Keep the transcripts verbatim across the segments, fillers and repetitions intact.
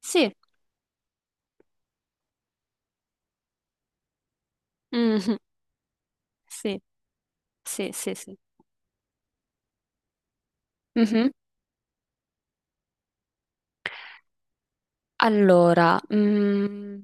Sì, mhm, sì, sì, sì, sì. Mhm. Allora, mm,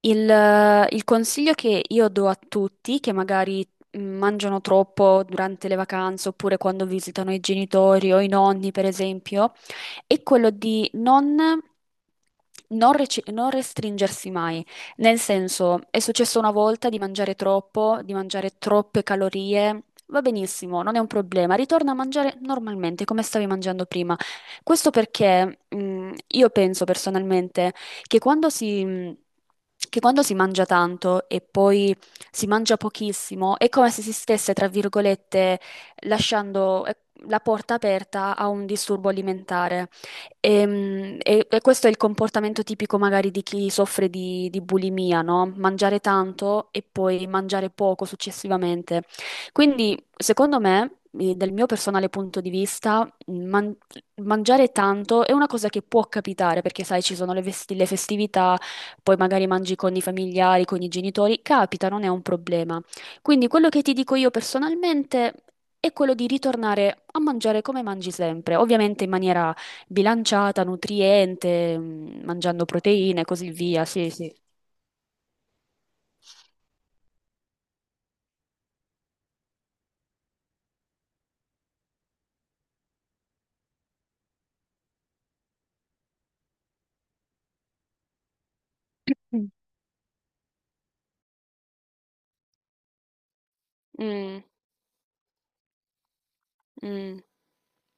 Il, eh, il consiglio che io do a tutti che magari mh, mangiano troppo durante le vacanze oppure quando visitano i genitori o i nonni, per esempio, è quello di non, non reci- non restringersi mai. Nel senso, è successo una volta di mangiare troppo, di mangiare troppe calorie. Va benissimo, non è un problema, ritorna a mangiare normalmente come stavi mangiando prima. Questo perché, mh, io penso personalmente che quando si, che quando si mangia tanto e poi si mangia pochissimo, è come se si stesse, tra virgolette, lasciando eh, la porta aperta a un disturbo alimentare. Ehm, E, e questo è il comportamento tipico magari di chi soffre di, di bulimia, no? Mangiare tanto e poi mangiare poco successivamente. Quindi, secondo me, eh, dal mio personale punto di vista, man- mangiare tanto è una cosa che può capitare perché, sai, ci sono le, vesti- le festività, poi magari mangi con i familiari, con i genitori, capita, non è un problema. Quindi quello che ti dico io personalmente è quello di ritornare a mangiare come mangi sempre, ovviamente in maniera bilanciata, nutriente, mm, mangiando proteine e così via. Sì, sì. Mm. Mm, mm,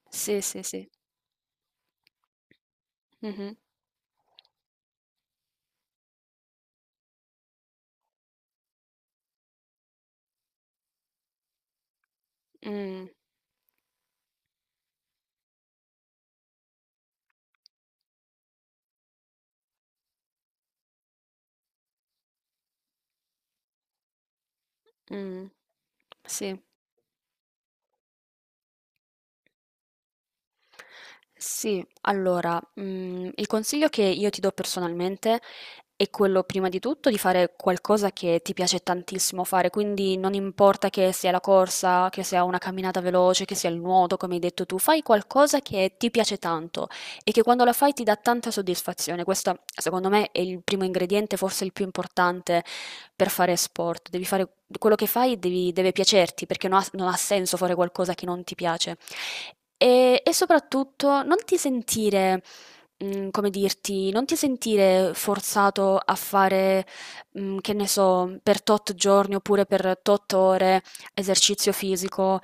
sì, sì, sì. Mhm, mm, mm, sì. Sì, allora, mhmm, il consiglio che io ti do personalmente è quello prima di tutto di fare qualcosa che ti piace tantissimo fare, quindi non importa che sia la corsa, che sia una camminata veloce, che sia il nuoto, come hai detto tu, fai qualcosa che ti piace tanto e che quando la fai ti dà tanta soddisfazione. Questo, secondo me, è il primo ingrediente, forse il più importante per fare sport. Devi fare quello che fai devi- deve piacerti, perché non ha, non ha senso fare qualcosa che non ti piace. E, e soprattutto non ti sentire, mm, come dirti, non ti sentire forzato a fare, mm, che ne so, per tot giorni oppure per tot ore esercizio fisico.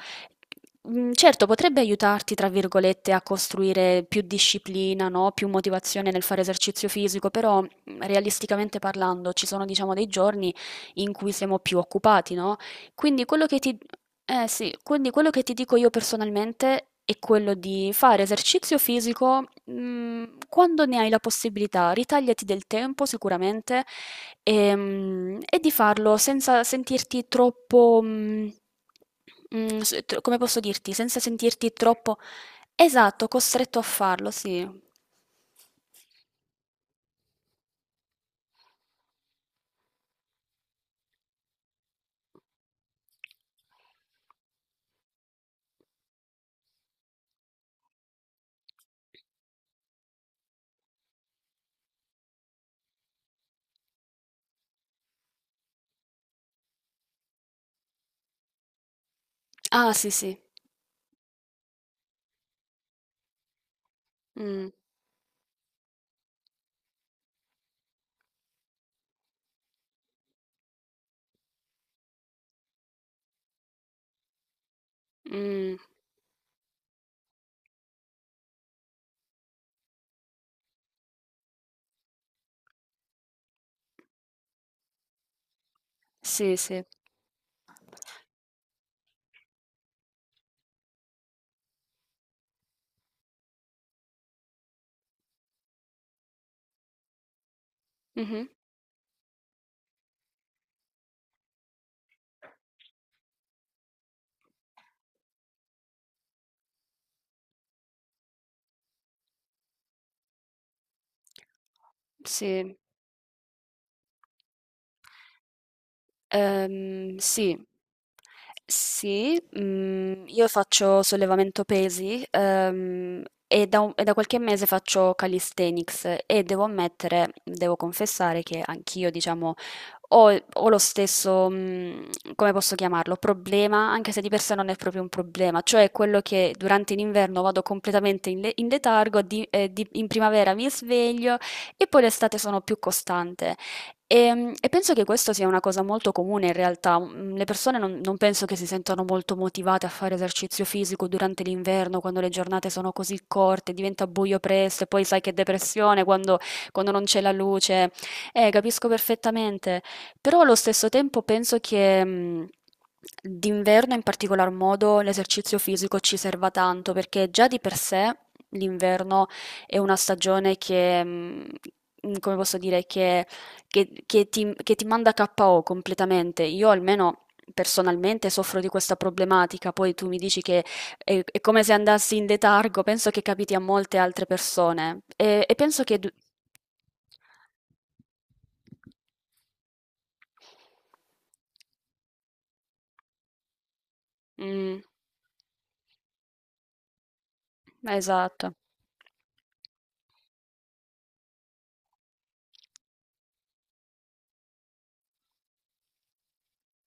Mm, Certo, potrebbe aiutarti, tra virgolette, a costruire più disciplina, no? Più motivazione nel fare esercizio fisico, però mm, realisticamente parlando ci sono, diciamo, dei giorni in cui siamo più occupati, no? Quindi quello che ti, eh, sì, quindi quello che ti dico io personalmente è quello di fare esercizio fisico, mm, quando ne hai la possibilità. Ritagliati del tempo sicuramente. Ehm, e di farlo senza sentirti troppo, mhmm, mhmm, s tro come posso dirti, senza sentirti troppo. Esatto, costretto a farlo, sì. Ah, sì, sì. Mh, mh, sì, sì. Mh-mh. Sì. Ehm, sì, sì, mm, io faccio sollevamento pesi, ehm, e da, un- e da qualche mese faccio calisthenics e devo ammettere, devo confessare che anch'io, diciamo, ho, ho lo stesso, mm, come posso chiamarlo, problema, anche se di per sé non è proprio un problema, cioè quello che durante l'inverno vado completamente in, le- in letargo, di- eh, di- in primavera mi sveglio e poi l'estate sono più costante. Ehm, e penso che questo sia una cosa molto comune in realtà. Mhmm, le persone non non penso che si sentano molto motivate a fare esercizio fisico durante l'inverno, quando le giornate sono così corte, diventa buio presto e poi sai che depressione quando quando non c'è la luce. Eh, capisco perfettamente, però allo stesso tempo penso che, mhmm, d'inverno in particolar modo l'esercizio fisico ci serva tanto, perché già di per sé l'inverno è una stagione che, mhmm, come posso dire, che che, che ti, che ti manda K O completamente. Io almeno personalmente soffro di questa problematica, poi tu mi dici che è, è come se andassi in letargo, penso che capiti a molte altre persone e, e penso che... du- Mm, esatto.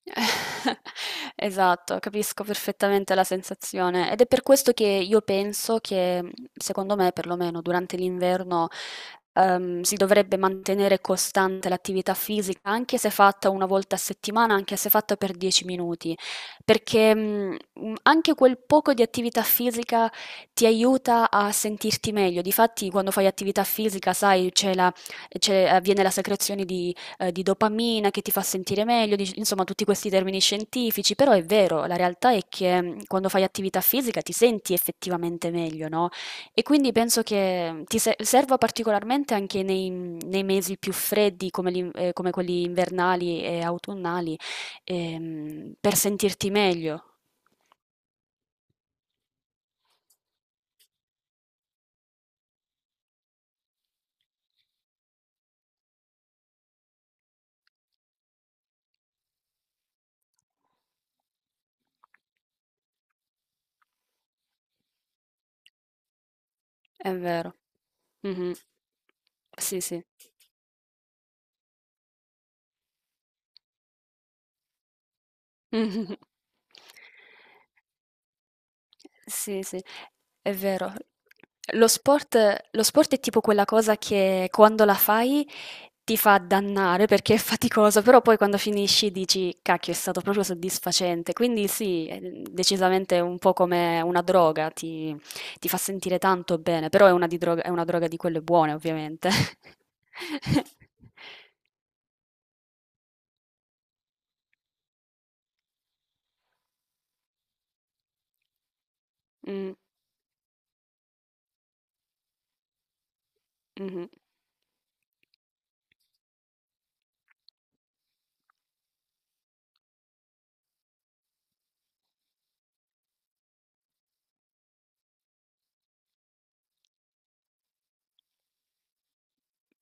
Esatto, capisco perfettamente la sensazione ed è per questo che io penso che, mh, secondo me, perlomeno durante l'inverno, ehm, si dovrebbe mantenere costante l'attività fisica, anche se fatta una volta a settimana, anche se fatta per dieci minuti, perché, mh, mh, anche quel poco di attività fisica ti aiuta a sentirti meglio. Difatti, quando fai attività fisica, sai, c'è la, c'è- avviene la secrezione di eh, di dopamina che ti fa sentire meglio, di- insomma tutti questi termini scientifici, però è vero, la realtà è che mm, quando fai attività fisica ti senti effettivamente meglio, no? E quindi penso che mm, ti se- serva particolarmente anche nei, mm, nei mesi più freddi come, l'in- eh, come quelli invernali e autunnali, ehm, per sentirti meglio, è vero. Mhm. Sì, sì. Sì, sì, è vero. Lo sport, lo sport è tipo quella cosa che quando la fai ti fa dannare perché è faticoso, però poi quando finisci dici, cacchio, è stato proprio soddisfacente. Quindi sì, è decisamente un po' come una droga, ti, ti fa sentire tanto bene, però è una, di droga, è una droga di quelle buone, ovviamente. Mm, mhm,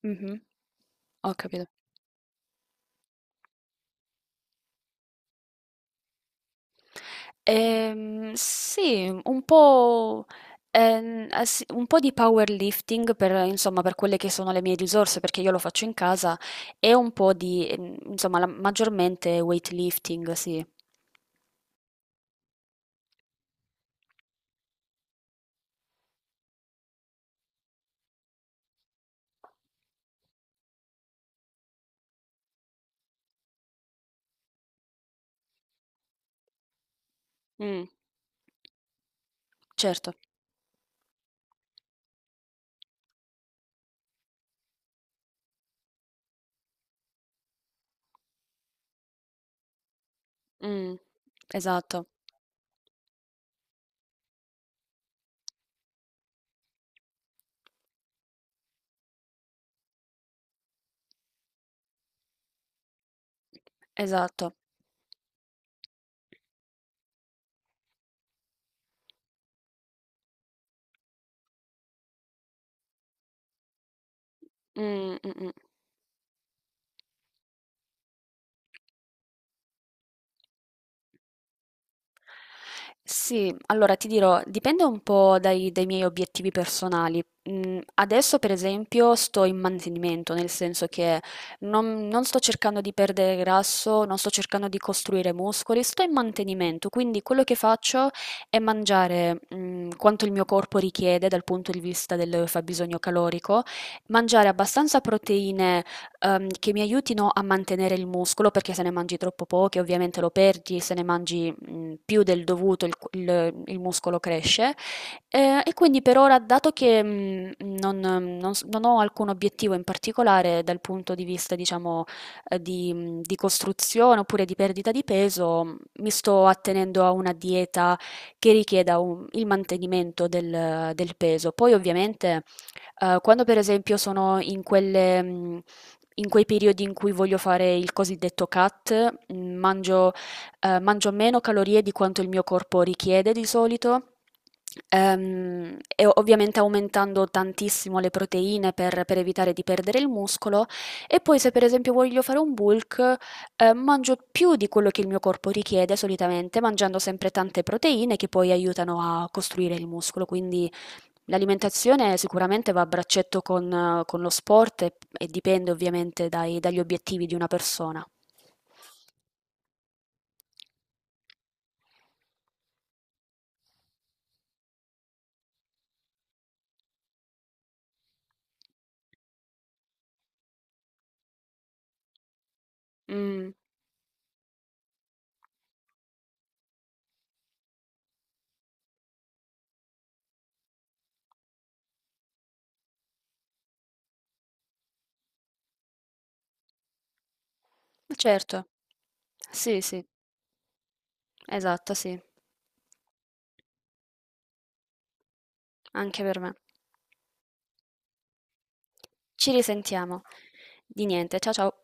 mhm. Ho capito. Ehm, sì, un po', ehm, eh sì, un po' di powerlifting per, insomma, per quelle che sono le mie risorse, perché io lo faccio in casa, e un po' di, ehm, insomma, la- maggiormente weightlifting, sì. Mm, certo. Mm, esatto, esatto. Mm, mm, mm. Sì, allora ti dirò, dipende un po' dai, dai miei obiettivi personali. Mm, adesso, per esempio, sto in mantenimento, nel senso che non, non sto cercando di perdere grasso, non sto cercando di costruire muscoli, sto in mantenimento, quindi quello che faccio è mangiare, mm, quanto il mio corpo richiede dal punto di vista del fabbisogno calorico, mangiare abbastanza proteine ehm, che mi aiutino a mantenere il muscolo, perché se ne mangi troppo poche ovviamente lo perdi, se ne mangi mh, più del dovuto il, il- il muscolo cresce. Eh, e quindi per ora, dato che mh, non, non s- non ho alcun obiettivo in particolare dal punto di vista, diciamo, eh, di, mhmm, di costruzione oppure di perdita di peso, mi sto attenendo a una dieta che richieda un- il mantenimento del, del peso. Poi ovviamente eh, quando per esempio sono in quelle, mh, in quei periodi in cui voglio fare il cosiddetto cut, mhmm, mangio ehm, mangio meno calorie di quanto il mio corpo richiede di solito, ehm, e ovviamente aumentando tantissimo le proteine per per evitare di perdere il muscolo, e poi se per esempio voglio fare un bulk, ehm, mangio più di quello che il mio corpo richiede solitamente, mangiando sempre tante proteine che poi aiutano a costruire il muscolo, quindi L'alimentazione sicuramente va a braccetto con eh, con lo sport e e dipende ovviamente dai dagli obiettivi di una persona. Mh, certo. Sì, sì, esatto, sì. Anche per me. Ci risentiamo. Di niente, ciao ciao.